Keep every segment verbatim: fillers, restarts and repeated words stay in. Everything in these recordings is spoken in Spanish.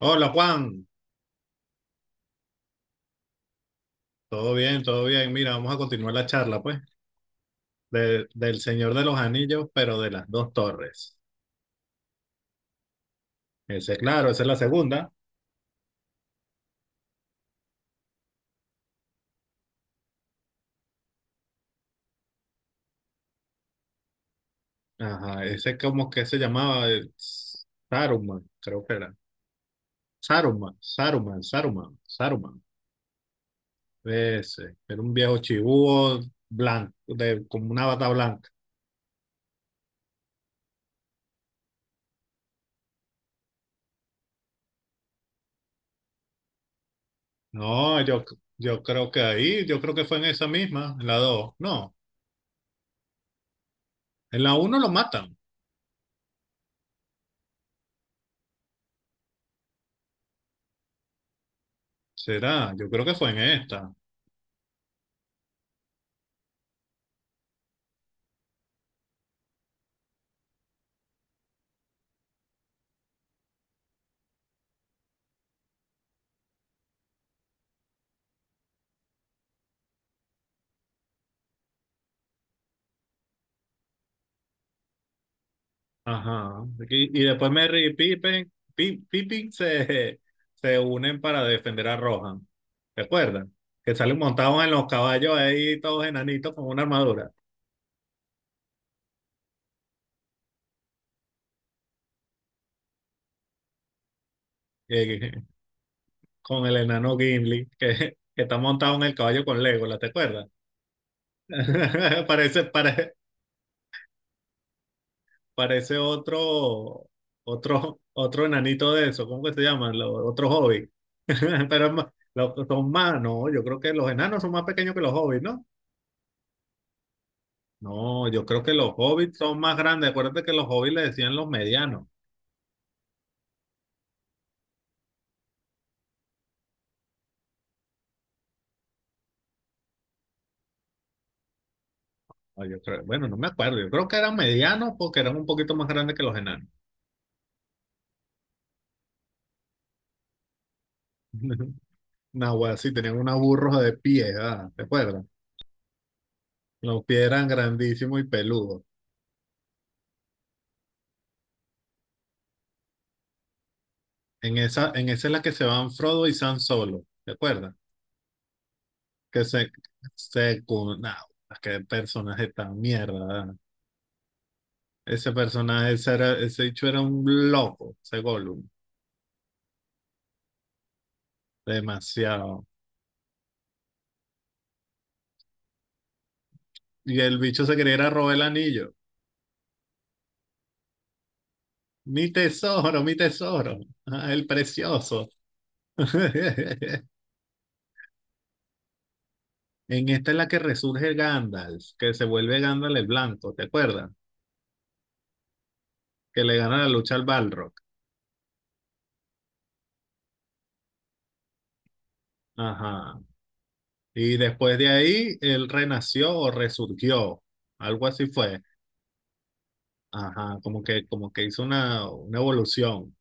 Hola Juan, todo bien, todo bien. Mira, vamos a continuar la charla, pues, de- del Señor de los Anillos, pero de las dos torres. Ese, claro, esa es la segunda. Ajá, ese como que se llamaba eh, Saruman, creo que era. Saruman, Saruman, Saruman, Saruman. Ese, era un viejo chibúo blanco, de, como una bata blanca. No, yo, yo creo que ahí, yo creo que fue en esa misma, en la dos. No, en la uno lo matan. Será, yo creo que fue en esta. Ajá. Y, y después Merry y Pippin, Pi- Pippin se, se unen para defender a Rohan. ¿Recuerdan? Que salen montados en los caballos ahí, todos enanitos con una armadura. Eh, con el enano Gimli, que, que está montado en el caballo con Legolas, ¿te acuerdas? Parece, pare- parece otro, otro, otro enanito de eso. ¿Cómo que se llaman? Los, otro hobbit. Pero es más- los- son más, ¿no? Yo creo que los enanos son más pequeños que los hobbits, ¿no? No, yo creo que los hobbits son más grandes. Acuérdate que los hobbits le decían los medianos. O yo creo- bueno, no me acuerdo. Yo creo que eran medianos porque eran un poquito más grandes que los enanos. Una wea así, tenían una burros de pies, ah, ¿te acuerdas? Los pies eran grandísimos y peludos. En esa, en esa es la que se van Frodo y Sam solo. ¿Te acuerdas? Que se, se, cu- nah, qué personaje tan mierda. Ah. Ese personaje, ese, era, ese bicho era un loco, ese Gollum. Demasiado. Y el bicho se quería ir a robar el anillo. Mi tesoro, mi tesoro, ah, el precioso. En esta es la que resurge Gandalf, que se vuelve Gandalf el blanco, ¿te acuerdas? Que le gana la lucha al Balrog. Ajá. Y después de ahí, él renació o resurgió, algo así fue. Ajá, como que, como que hizo una, una evolución.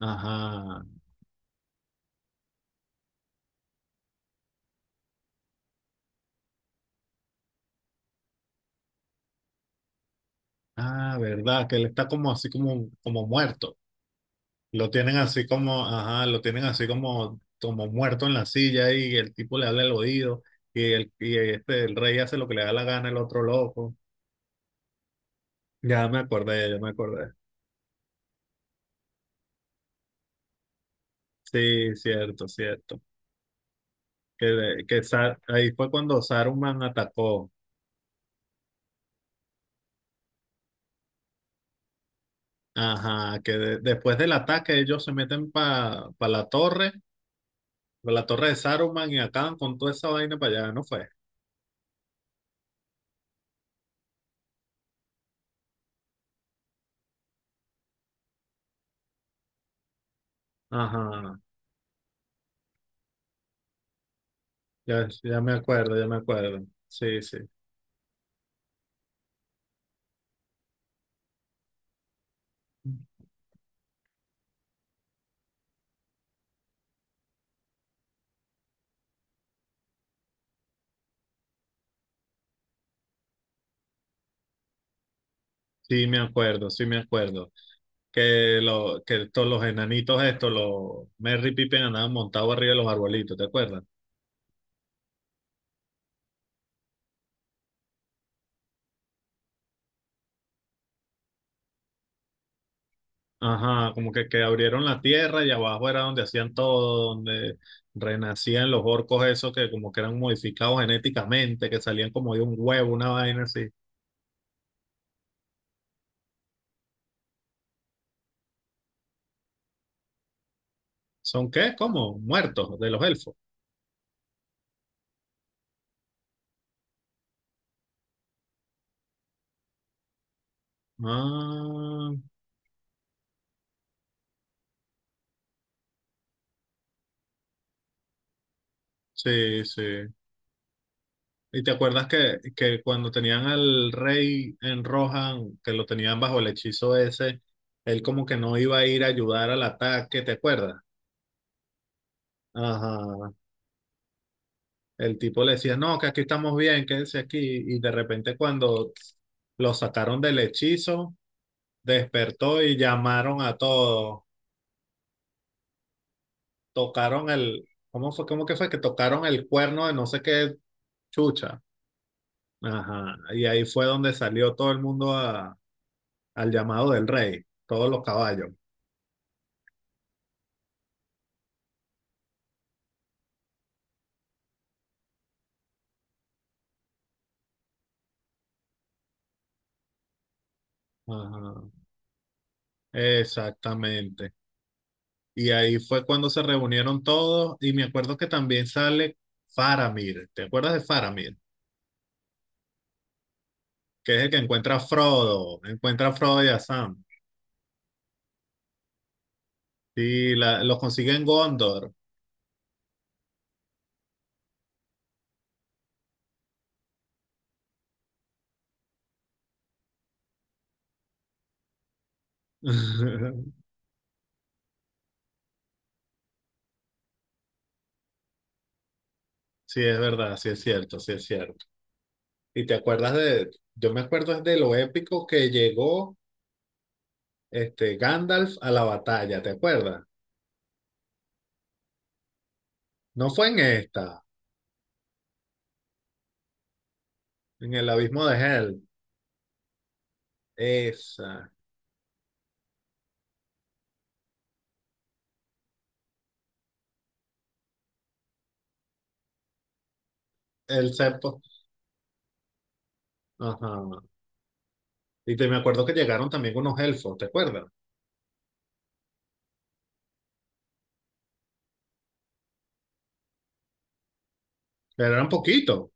Ajá. Ah, verdad, que él está como así como, como muerto. Lo tienen así como, ajá, lo tienen así como, como muerto en la silla y el tipo le habla al oído y el, y este, el rey hace lo que le da la gana el otro loco. Ya me acordé, ya me acordé. Sí, cierto, cierto. Que, de- que Sa- ahí fue cuando Saruman atacó. Ajá, que de- después del ataque ellos se meten para la torre, pa la torre de Saruman y acaban con toda esa vaina para allá, ¿no fue? Ajá, ya, ya me acuerdo, ya me acuerdo. Sí, sí. Sí, me acuerdo, sí me acuerdo. Que, lo, que todos los enanitos estos, los Merry Pippin andaban montados arriba de los arbolitos, ¿te acuerdas? Ajá, como que, que abrieron la tierra y abajo era donde hacían todo, donde renacían los orcos esos que como que eran modificados genéticamente, que salían como de un huevo, una vaina así. ¿Son qué? ¿Cómo? Muertos de los elfos. Ah, sí, sí. ¿Y te acuerdas que, que cuando tenían al rey en Rohan, que lo tenían bajo el hechizo ese, él como que no iba a ir a ayudar al ataque, te acuerdas? Ajá. El tipo le decía, no, que aquí estamos bien, quédese aquí. Y de repente cuando lo sacaron del hechizo, despertó y llamaron a todos. Tocaron el, ¿cómo fue? ¿Cómo que fue? Que tocaron el cuerno de no sé qué chucha. Ajá. Y ahí fue donde salió todo el mundo a- al llamado del rey, todos los caballos. Ajá, exactamente. Y ahí fue cuando se reunieron todos y me acuerdo que también sale Faramir. ¿Te acuerdas de Faramir? Que es el que encuentra a Frodo, encuentra a Frodo y a Sam. Y la, los consigue en Gondor. Sí, es verdad, sí es cierto, sí es cierto. Y te acuerdas de, yo me acuerdo es de lo épico que llegó este Gandalf a la batalla, ¿te acuerdas? No fue en esta, en el abismo de Hell. Esa, el cepo. Ajá. Y te, me acuerdo que llegaron también con unos elfos, ¿te acuerdas? Pero eran poquitos,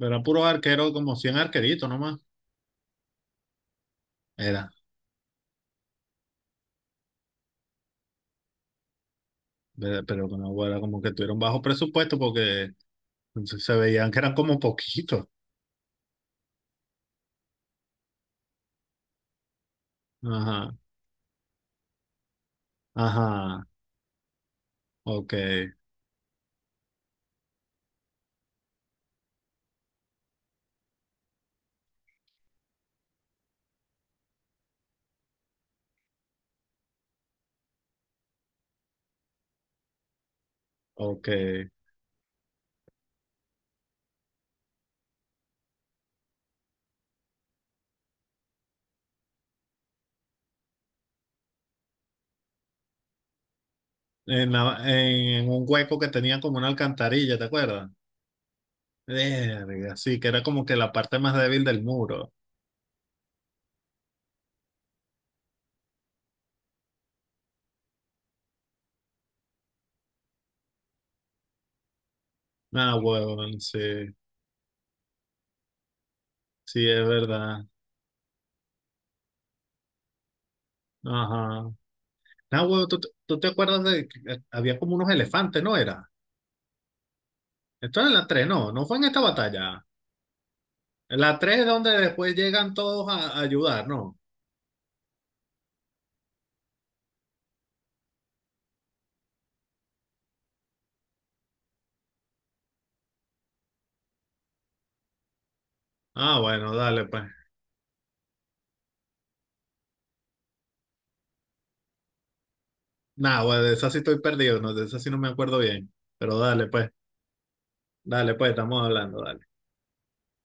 eran puros arqueros, como cien arqueritos nomás. Era, era, pero no, era como que tuvieron bajo presupuesto porque se se veían que eran como poquitos. Ajá, ajá, ok, ok. En, la- en un hueco que tenía como una alcantarilla, ¿te acuerdas? Verga, sí, que era como que la parte más débil del muro. Ah, huevón, sí, sí, es verdad. Ajá. Ah, huevón, ¿tú, te- ¿tú te acuerdas de que eh, había como unos elefantes, ¿no era? Esto es en la tres no, no fue en esta batalla. En la tres es donde después llegan todos a, a ayudar, ¿no? Ah, bueno, dale pues. Nada, pues de esa sí estoy perdido, no, de esa sí no me acuerdo bien. Pero dale pues, dale pues, estamos hablando.